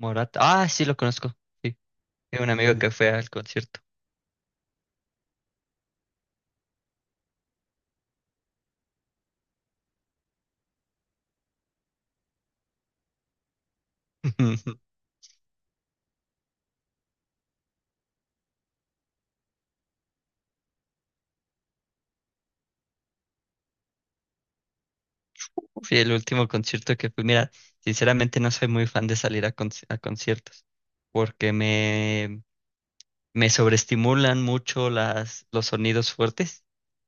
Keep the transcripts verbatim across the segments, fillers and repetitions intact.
Morata. Ah, sí, lo conozco. Sí, tengo un amigo. Sí, que fue al concierto. Fui el último concierto que fui. Mira, sinceramente no soy muy fan de salir a, conci- a conciertos porque me, me sobreestimulan mucho las, los sonidos fuertes.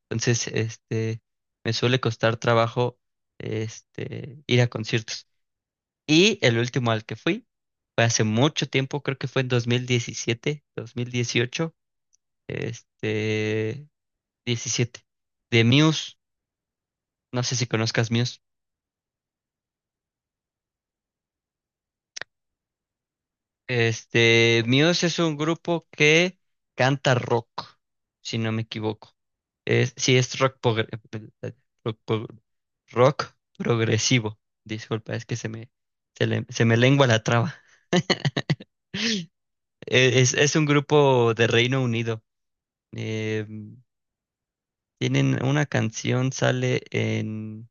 Entonces, este, me suele costar trabajo, este, ir a conciertos. Y el último al que fui fue hace mucho tiempo, creo que fue en dos mil diecisiete, dos mil dieciocho, este, diecisiete, de Muse. No sé si conozcas Muse. Este, Muse es un grupo que canta rock, si no me equivoco. Es, sí, es rock, progre- rock, pro- rock progresivo. Disculpa, es que se me, se le- se me lengua la traba. E- Es, es un grupo de Reino Unido. Eh, Tienen una canción, sale en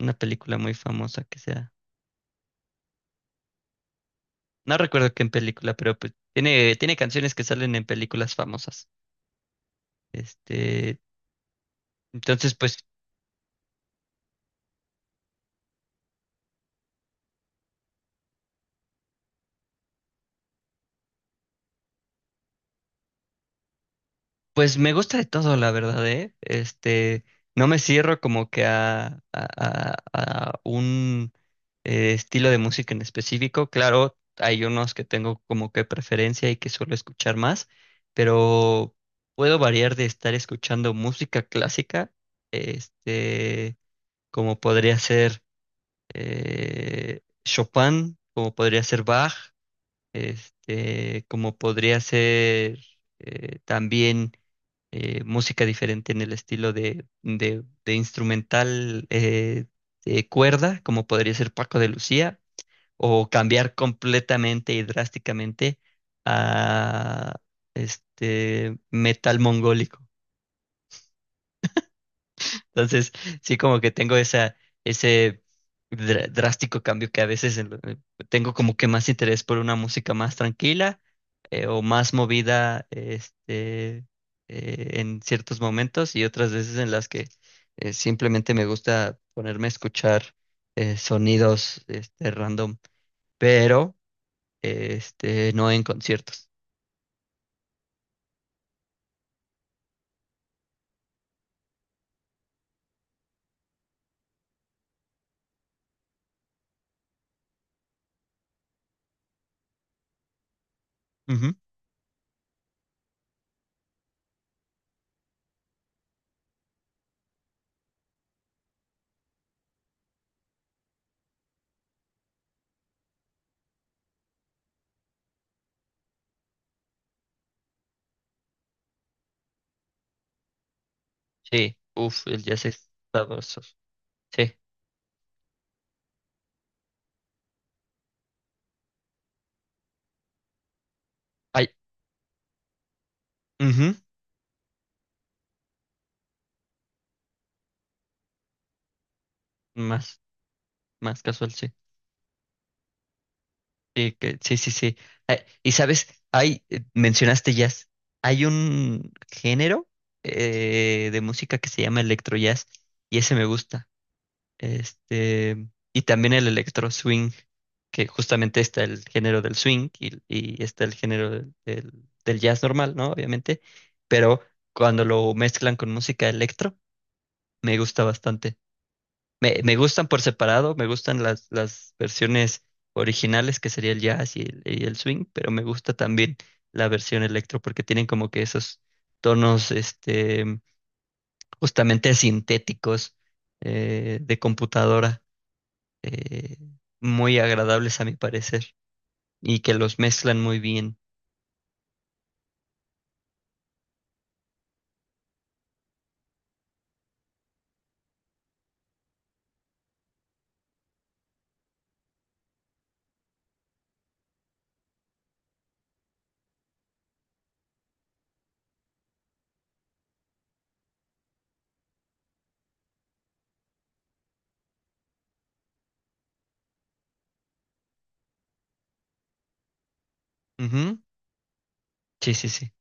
una película muy famosa que sea. No recuerdo qué en película, pero pues, tiene, tiene canciones que salen en películas famosas. Este. Entonces, pues, pues me gusta de todo, la verdad, ¿eh? Este, no me cierro como que a, a, a- a un eh, estilo de música en específico. Claro, hay unos que tengo como que preferencia y que suelo escuchar más, pero puedo variar de estar escuchando música clásica, este, como podría ser eh, Chopin, como podría ser Bach, este, como podría ser eh, también eh, música diferente en el estilo de, de- de instrumental, eh, de cuerda, como podría ser Paco de Lucía, o cambiar completamente y drásticamente a este metal mongólico. Entonces, sí como que tengo esa, ese dr- drástico cambio que a veces en lo- eh, tengo como que más interés por una música más tranquila, eh, o más movida, este, eh, en ciertos momentos y otras veces en las que eh, simplemente me gusta ponerme a escuchar eh, sonidos, este, random, pero este, no en conciertos. Ujú. Sí, uff, el jazz es sabroso. Sí, hay, ujú. Más, más casual, sí. Sí, que- sí, sí, sí. Eh, y sabes, hay, eh, mencionaste jazz. Hay un género eh, de música que se llama electro jazz y ese me gusta. Este, y también el electro swing, que justamente está el género del swing y, y está el género del, del del jazz normal, ¿no? Obviamente. Pero cuando lo mezclan con música electro, me gusta bastante. Me, me gustan por separado, me gustan las, las versiones originales, que sería el jazz y el, y el swing, pero me gusta también la versión electro porque tienen como que esos tonos, este, justamente sintéticos, eh, de computadora, eh, muy agradables a mi parecer, y que los mezclan muy bien. Ujú. Sí, sí, sí,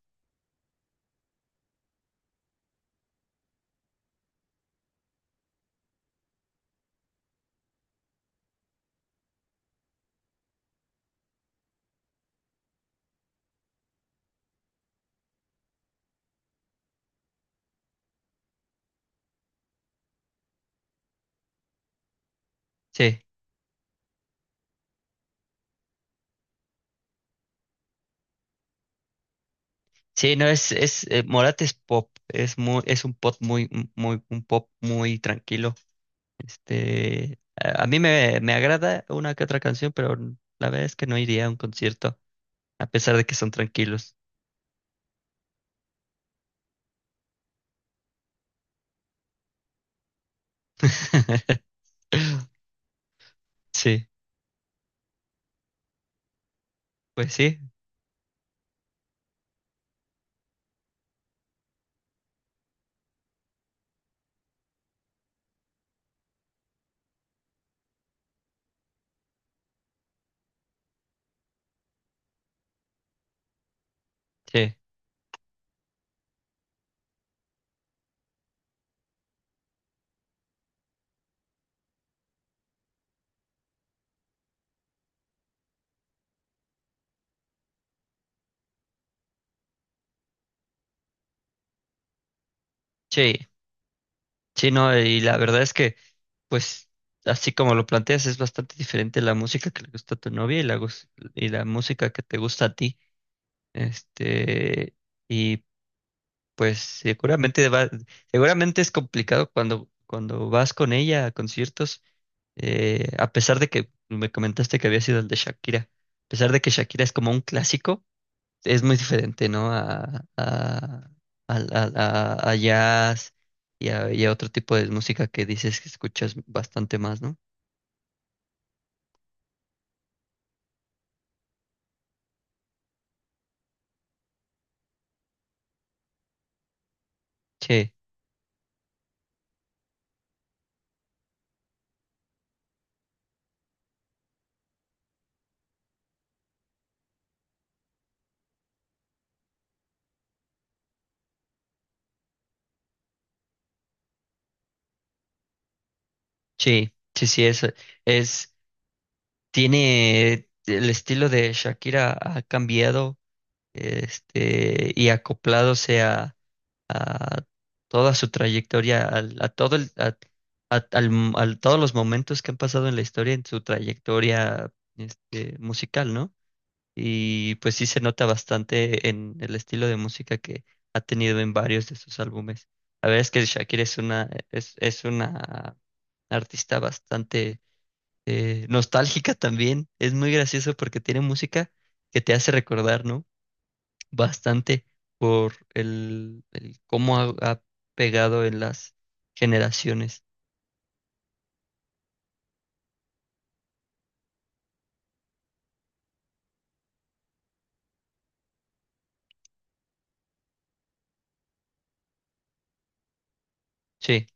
sí. Sí, no, es, es, eh, Morat es pop, es muy, es un pop muy, muy, un pop muy tranquilo. Este, a a mí me, me agrada una que otra canción, pero la verdad es que no iría a un concierto, a pesar de que son tranquilos. Sí, pues sí, sí, sí, sí, no, y la verdad es que, pues, así como lo planteas, es bastante diferente la música que le gusta a tu novia y la, gus- y la música que te gusta a ti. Este, y pues seguramente va, seguramente es complicado cuando, cuando vas con ella a conciertos. Eh, a pesar de que me comentaste que había sido el de Shakira, a pesar de que Shakira es como un clásico, es muy diferente, ¿no? A, a, al- al- a- a jazz y a, y a otro tipo de música que dices que escuchas bastante más, ¿no? Sí, sí, sí, sí, es, es, tiene el estilo de Shakira ha cambiado, este, y acoplándose a toda su trayectoria, al- a, todo el, a, a- al m- al- todos los momentos que han pasado en la historia, en su trayectoria, este, musical, ¿no? Y pues sí se nota bastante en el estilo de música que ha tenido en varios de sus álbumes. La verdad es que Shakira es una, es, es una artista bastante, eh, nostálgica también. Es muy gracioso porque tiene música que te hace recordar, ¿no? Bastante por el, el cómo ha, ha pegado en las generaciones. Sí,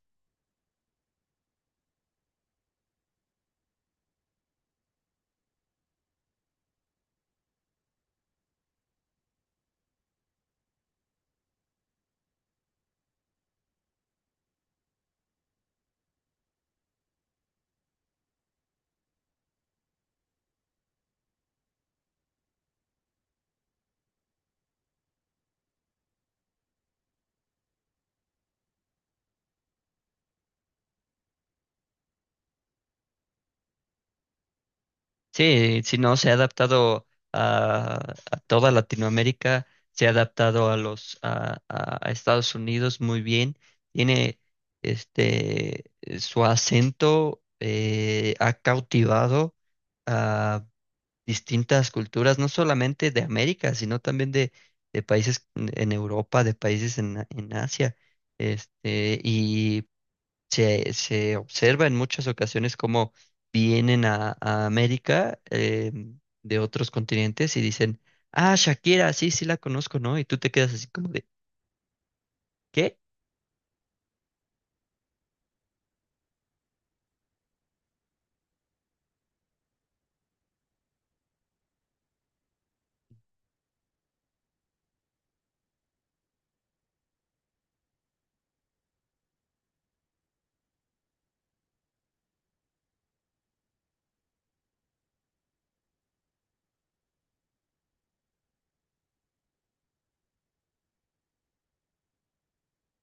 sí, si no, se ha adaptado a, a toda Latinoamérica, se ha adaptado a los a, a- a Estados Unidos muy bien, tiene, este su acento, eh, ha cautivado distintas culturas, no solamente de América, sino también de, de países en Europa, de países en, en Asia. Este, y se, se observa en muchas ocasiones cómo vienen a, a América, eh, de otros continentes y dicen, ah, Shakira, sí, sí la conozco, ¿no? Y tú te quedas así como de, ¿qué?